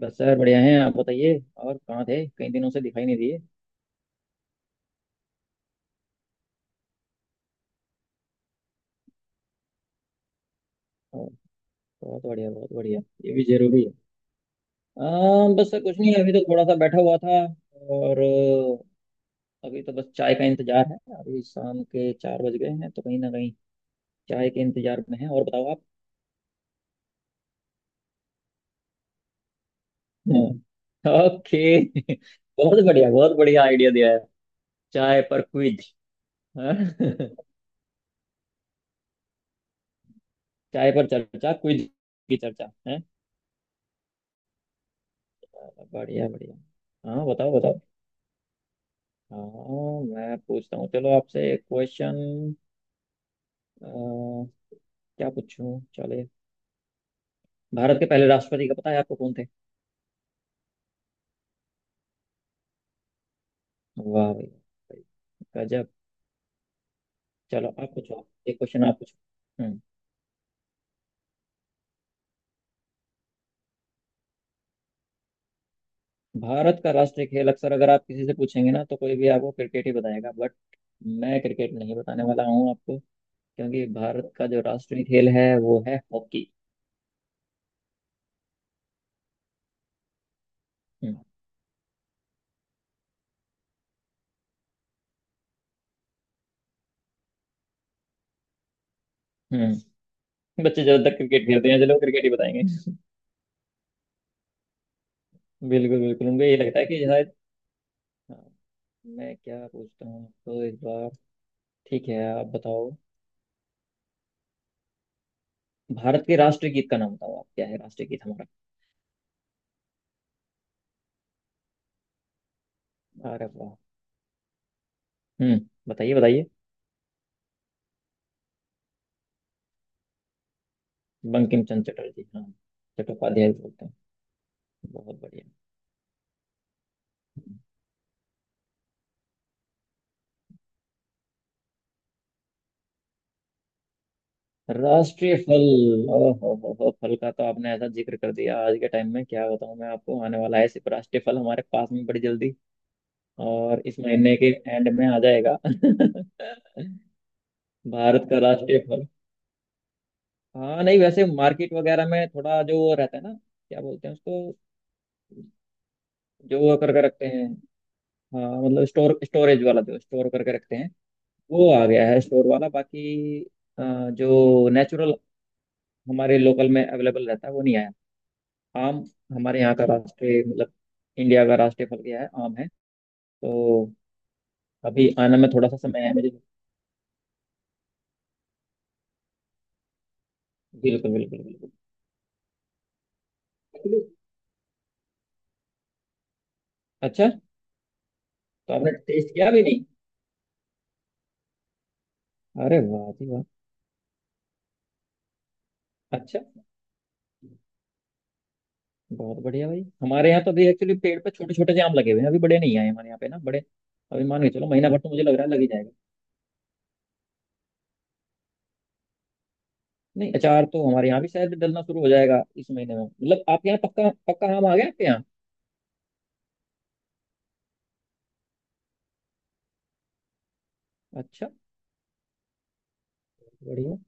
बस सर बढ़िया हैं। आप बताइए, और कहाँ थे, कई दिनों से दिखाई नहीं दिए। और बहुत बढ़िया, बहुत बढ़िया। ये भी जरूरी है। बस सर कुछ नहीं, अभी तो थोड़ा सा बैठा हुआ था। और अभी तो बस चाय का इंतजार है। अभी शाम के 4 बज गए हैं तो कहीं ना कहीं चाय के इंतजार में है। और बताओ आप। हाँ। ओके। बहुत बढ़िया, बहुत बढ़िया आइडिया दिया है। चाय पर क्विज। चाय पर चर्चा क्विज की चर्चा है। बढ़िया बढ़िया। हाँ, बताओ बताओ। हाँ, मैं पूछता हूँ, चलो आपसे एक क्वेश्चन क्या पूछूं? चले, भारत के पहले राष्ट्रपति का पता है आपको, कौन थे? वाह भाई भाई, गजब। चलो आप पूछो एक क्वेश्चन, आप पूछो। हम्म। भारत का राष्ट्रीय खेल अक्सर अगर आप किसी से पूछेंगे ना तो कोई भी आपको क्रिकेट ही बताएगा, बट मैं क्रिकेट नहीं बताने वाला हूँ आपको। क्योंकि भारत का जो राष्ट्रीय खेल है वो है हॉकी। हम्म। हम्म। बच्चे ज्यादातर क्रिकेट खेलते हैं, चलो क्रिकेट ही बताएंगे। बिल्कुल बिल्कुल, उनको यही लगता है कि शायद। हाँ, मैं क्या पूछता हूँ आपको इस बार। ठीक है, आप बताओ भारत के राष्ट्रीय गीत का नाम, बताओ आप क्या है राष्ट्रीय गीत हमारा? अरे वाह। हम्म। बताइए बताइए। बंकिम चंद्र चटर्जी, हाँ। चट्टोपाध्याय भी बोलते हैं। बहुत बढ़िया। राष्ट्रीय फल। ओ हो, फल का तो आपने ऐसा जिक्र कर दिया। आज के टाइम में क्या बताऊं मैं आपको, आने वाला है सिर्फ राष्ट्रीय फल हमारे पास में बड़ी जल्दी। और इस महीने के एंड में आ जाएगा। भारत का राष्ट्रीय फल। हाँ, नहीं वैसे मार्केट वगैरह में थोड़ा जो रहता है ना, क्या बोलते हैं उसको, जो वो करके रखते हैं। हाँ, मतलब स्टोर, स्टोरेज वाला, जो स्टोर करके रखते हैं। वो आ गया है स्टोर वाला, बाकी अ, जो नेचुरल हमारे लोकल में अवेलेबल रहता है वो नहीं आया। आम। हमारे यहाँ का राष्ट्रीय मतलब इंडिया का राष्ट्रीय फल क्या है, आम है। तो अभी आने में थोड़ा सा समय है मुझे। बिल्कुल बिल्कुल बिल्कुल। अच्छा, तो आपने टेस्ट किया भी नहीं? अरे वाह जी वाह। अच्छा। बहुत बढ़िया भाई, हमारे यहाँ तो अभी एक्चुअली पेड़ पे छोटे छोटे से आम लगे हुए हैं, अभी बड़े नहीं आए हमारे यहाँ पे ना, बड़े। अभी मान के चलो महीना भर तो मुझे लग रहा है लग ही जाएगा। नहीं, अचार तो हमारे यहाँ भी शायद डलना शुरू हो जाएगा इस महीने में। मतलब आपके यहाँ पक्का पक्का आम आ गया, आपके यहाँ? अच्छा। बढ़िया।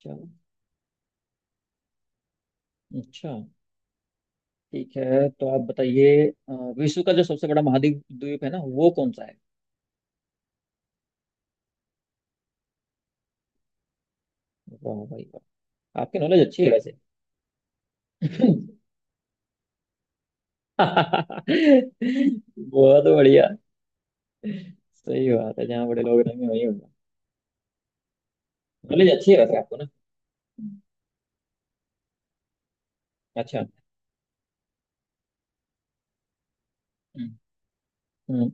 चलो। अच्छा। ठीक है, तो आप बताइए विश्व का जो सबसे बड़ा महाद्वीप, द्वीप है ना, वो कौन सा है? वाह भाई वाह, आपकी नॉलेज अच्छी है वैसे। बहुत बढ़िया। सही बात है, जहाँ बड़े लोग रहेंगे वही होगा। नॉलेज अच्छी है वैसे आपको ना। अच्छा। हम्म। हम्म।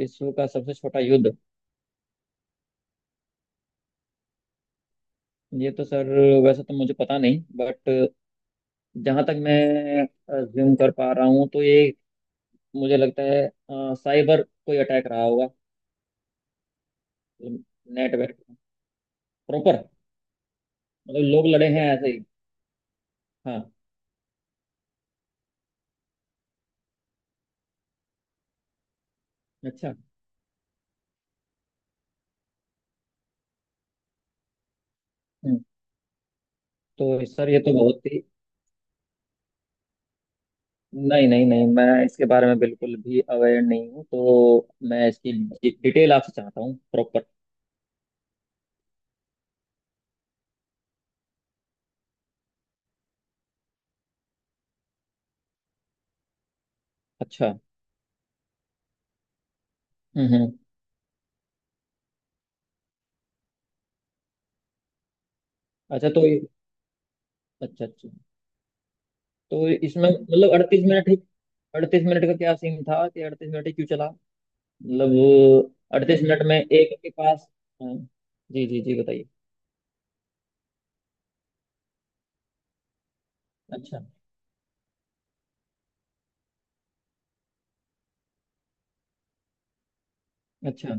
विश्व का सबसे छोटा युद्ध। ये तो सर वैसे तो मुझे पता नहीं, बट जहां तक मैं ज्यूम कर पा रहा हूँ तो ये, मुझे लगता है साइबर कोई अटैक रहा होगा। नेट वेट। प्रॉपर, मतलब लोग लड़े हैं ऐसे ही। हाँ। अच्छा। हम्म, तो सर ये तो बहुत ही, नहीं नहीं नहीं, मैं इसके बारे में बिल्कुल भी अवेयर नहीं हूँ तो मैं इसकी डिटेल आपसे चाहता हूँ, प्रॉपर। अच्छा। हम्म। हम्म। अच्छा, तो ये, अच्छा अच्छा। तो इसमें मतलब 38 मिनट ही, 38 मिनट का क्या सीन था कि 38 मिनट ही क्यों चला, मतलब 38 मिनट में एक के पास, हाँ, जी जी जी बताइए। अच्छा। अच्छा।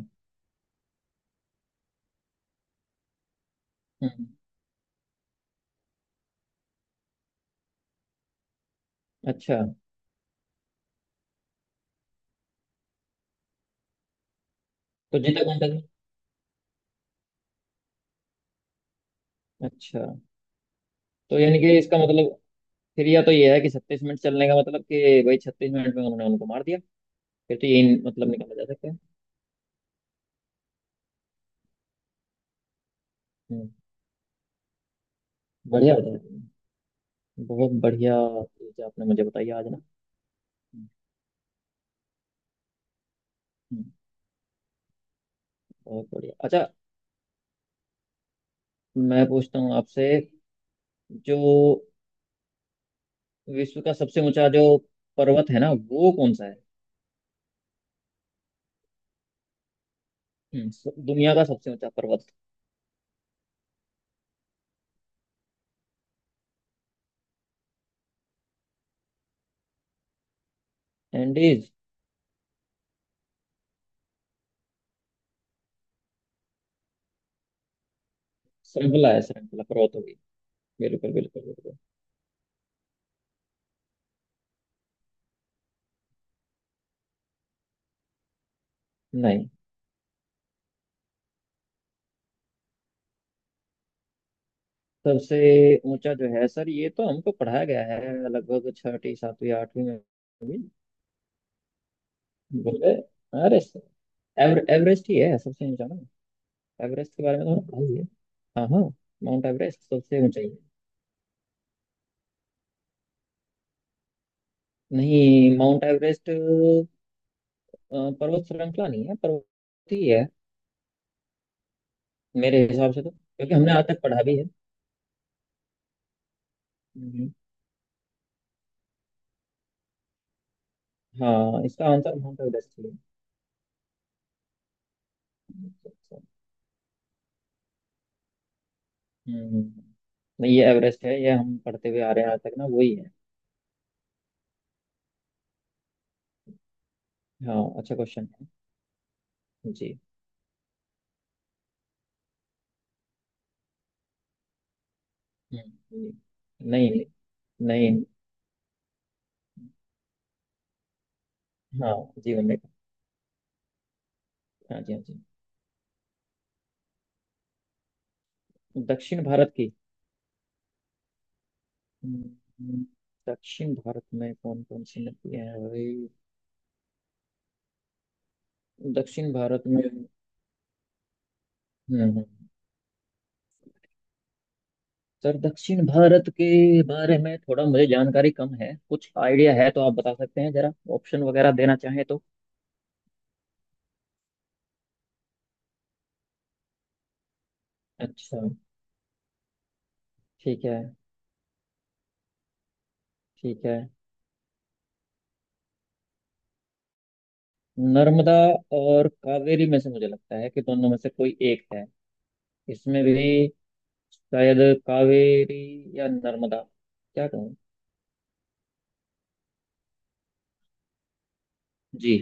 हम्म। अच्छा। तो जीता कौन था? अच्छा। तो यानी कि इसका मतलब फिर, या तो ये है कि 36 मिनट चलने का मतलब कि भाई 36 मिनट में उन्होंने उनको मार दिया। फिर तो यही मतलब निकाला जा सकता है। हम्म। बढ़िया बताया तुमने। बहुत बढ़िया चीज आपने मुझे बताई आज ना। हम्म, बहुत बढ़िया। अच्छा, मैं पूछता हूँ आपसे, जो विश्व का सबसे ऊंचा जो पर्वत है ना, वो कौन सा है? दुनिया का सबसे ऊंचा पर्वत एंडीज श्रृंखला है, श्रृंखला पर्वत होगी। बिल्कुल बिल्कुल बिल्कुल। नहीं, सबसे ऊंचा जो है सर, ये तो हमको पढ़ाया गया है लगभग छठी सातवीं आठवीं में भी। बोले अरे सर, एवरेस्ट ही है सबसे ऊंचा ना? एवरेस्ट के बारे में तो हमने पढ़ा ही है। हाँ हाँ। माउंट एवरेस्ट सबसे ऊंचा ही है। नहीं, माउंट एवरेस्ट पर्वत श्रृंखला नहीं है, पर्वत ही है। मेरे हिसाब से तो, क्योंकि हमने आज तक पढ़ा भी है। हम्म, हाँ, इसका आंसर माउंट एवरेस्ट। अच्छा। हम्म। नहीं, ये एवरेस्ट है, ये हम पढ़ते हुए आ रहे हैं आज तक ना, वही है। हाँ, अच्छा क्वेश्चन है। जी। हम्म, जी। नहीं। नहीं। हाँ। जीवन रेखा। हाँ जी, हाँ जी। दक्षिण भारत की। हम्म, दक्षिण भारत में कौन कौन सी नदियां हैं भाई? दक्षिण भारत में। हम्म हम्म। सर दक्षिण भारत के बारे में थोड़ा मुझे जानकारी कम है, कुछ आइडिया है तो आप बता सकते हैं, जरा ऑप्शन वगैरह देना चाहें तो। अच्छा। ठीक है। ठीक है। नर्मदा और कावेरी में से मुझे लगता है कि दोनों में से कोई एक है, इसमें भी। शायद कावेरी या नर्मदा, क्या कहूँ। जी।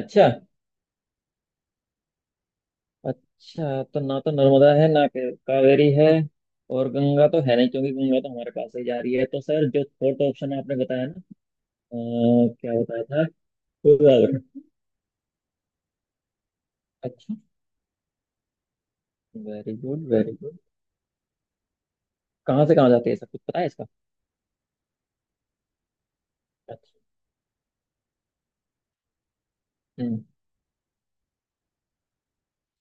अच्छा, अच्छा, तो ना तो नर्मदा है, ना कावेरी है, और गंगा तो है नहीं क्योंकि गंगा तो हमारे पास ही जा रही है, तो सर जो फोर्थ ऑप्शन आपने बताया ना, अ, क्या बताया था? गोदावरी। अच्छा। Very good, very good. कहाँ से कहाँ जाती है, सब कुछ पता है इसका? अच्छा। हम्म।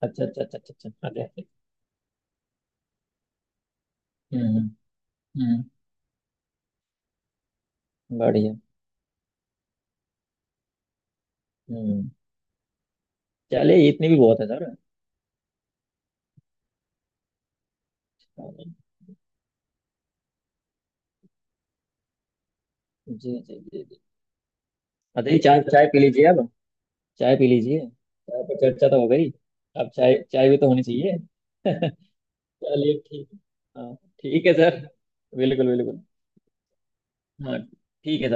अच्छा अच्छा अच्छा अच्छा अच्छा, आगे आगे। हम्म। हम्म, बढ़िया। हम्म। चलिए, इतनी भी बहुत है सर। जी जी जी जी। बताइए। चाय चाय पी लीजिए अब। चाय पी लीजिए, चाय पर चर्चा तो हो गई, अब चाय चाय भी तो होनी चाहिए। चलिए ठीक है। हाँ ठीक है सर। बिल्कुल बिल्कुल। हाँ। ठीक है सर।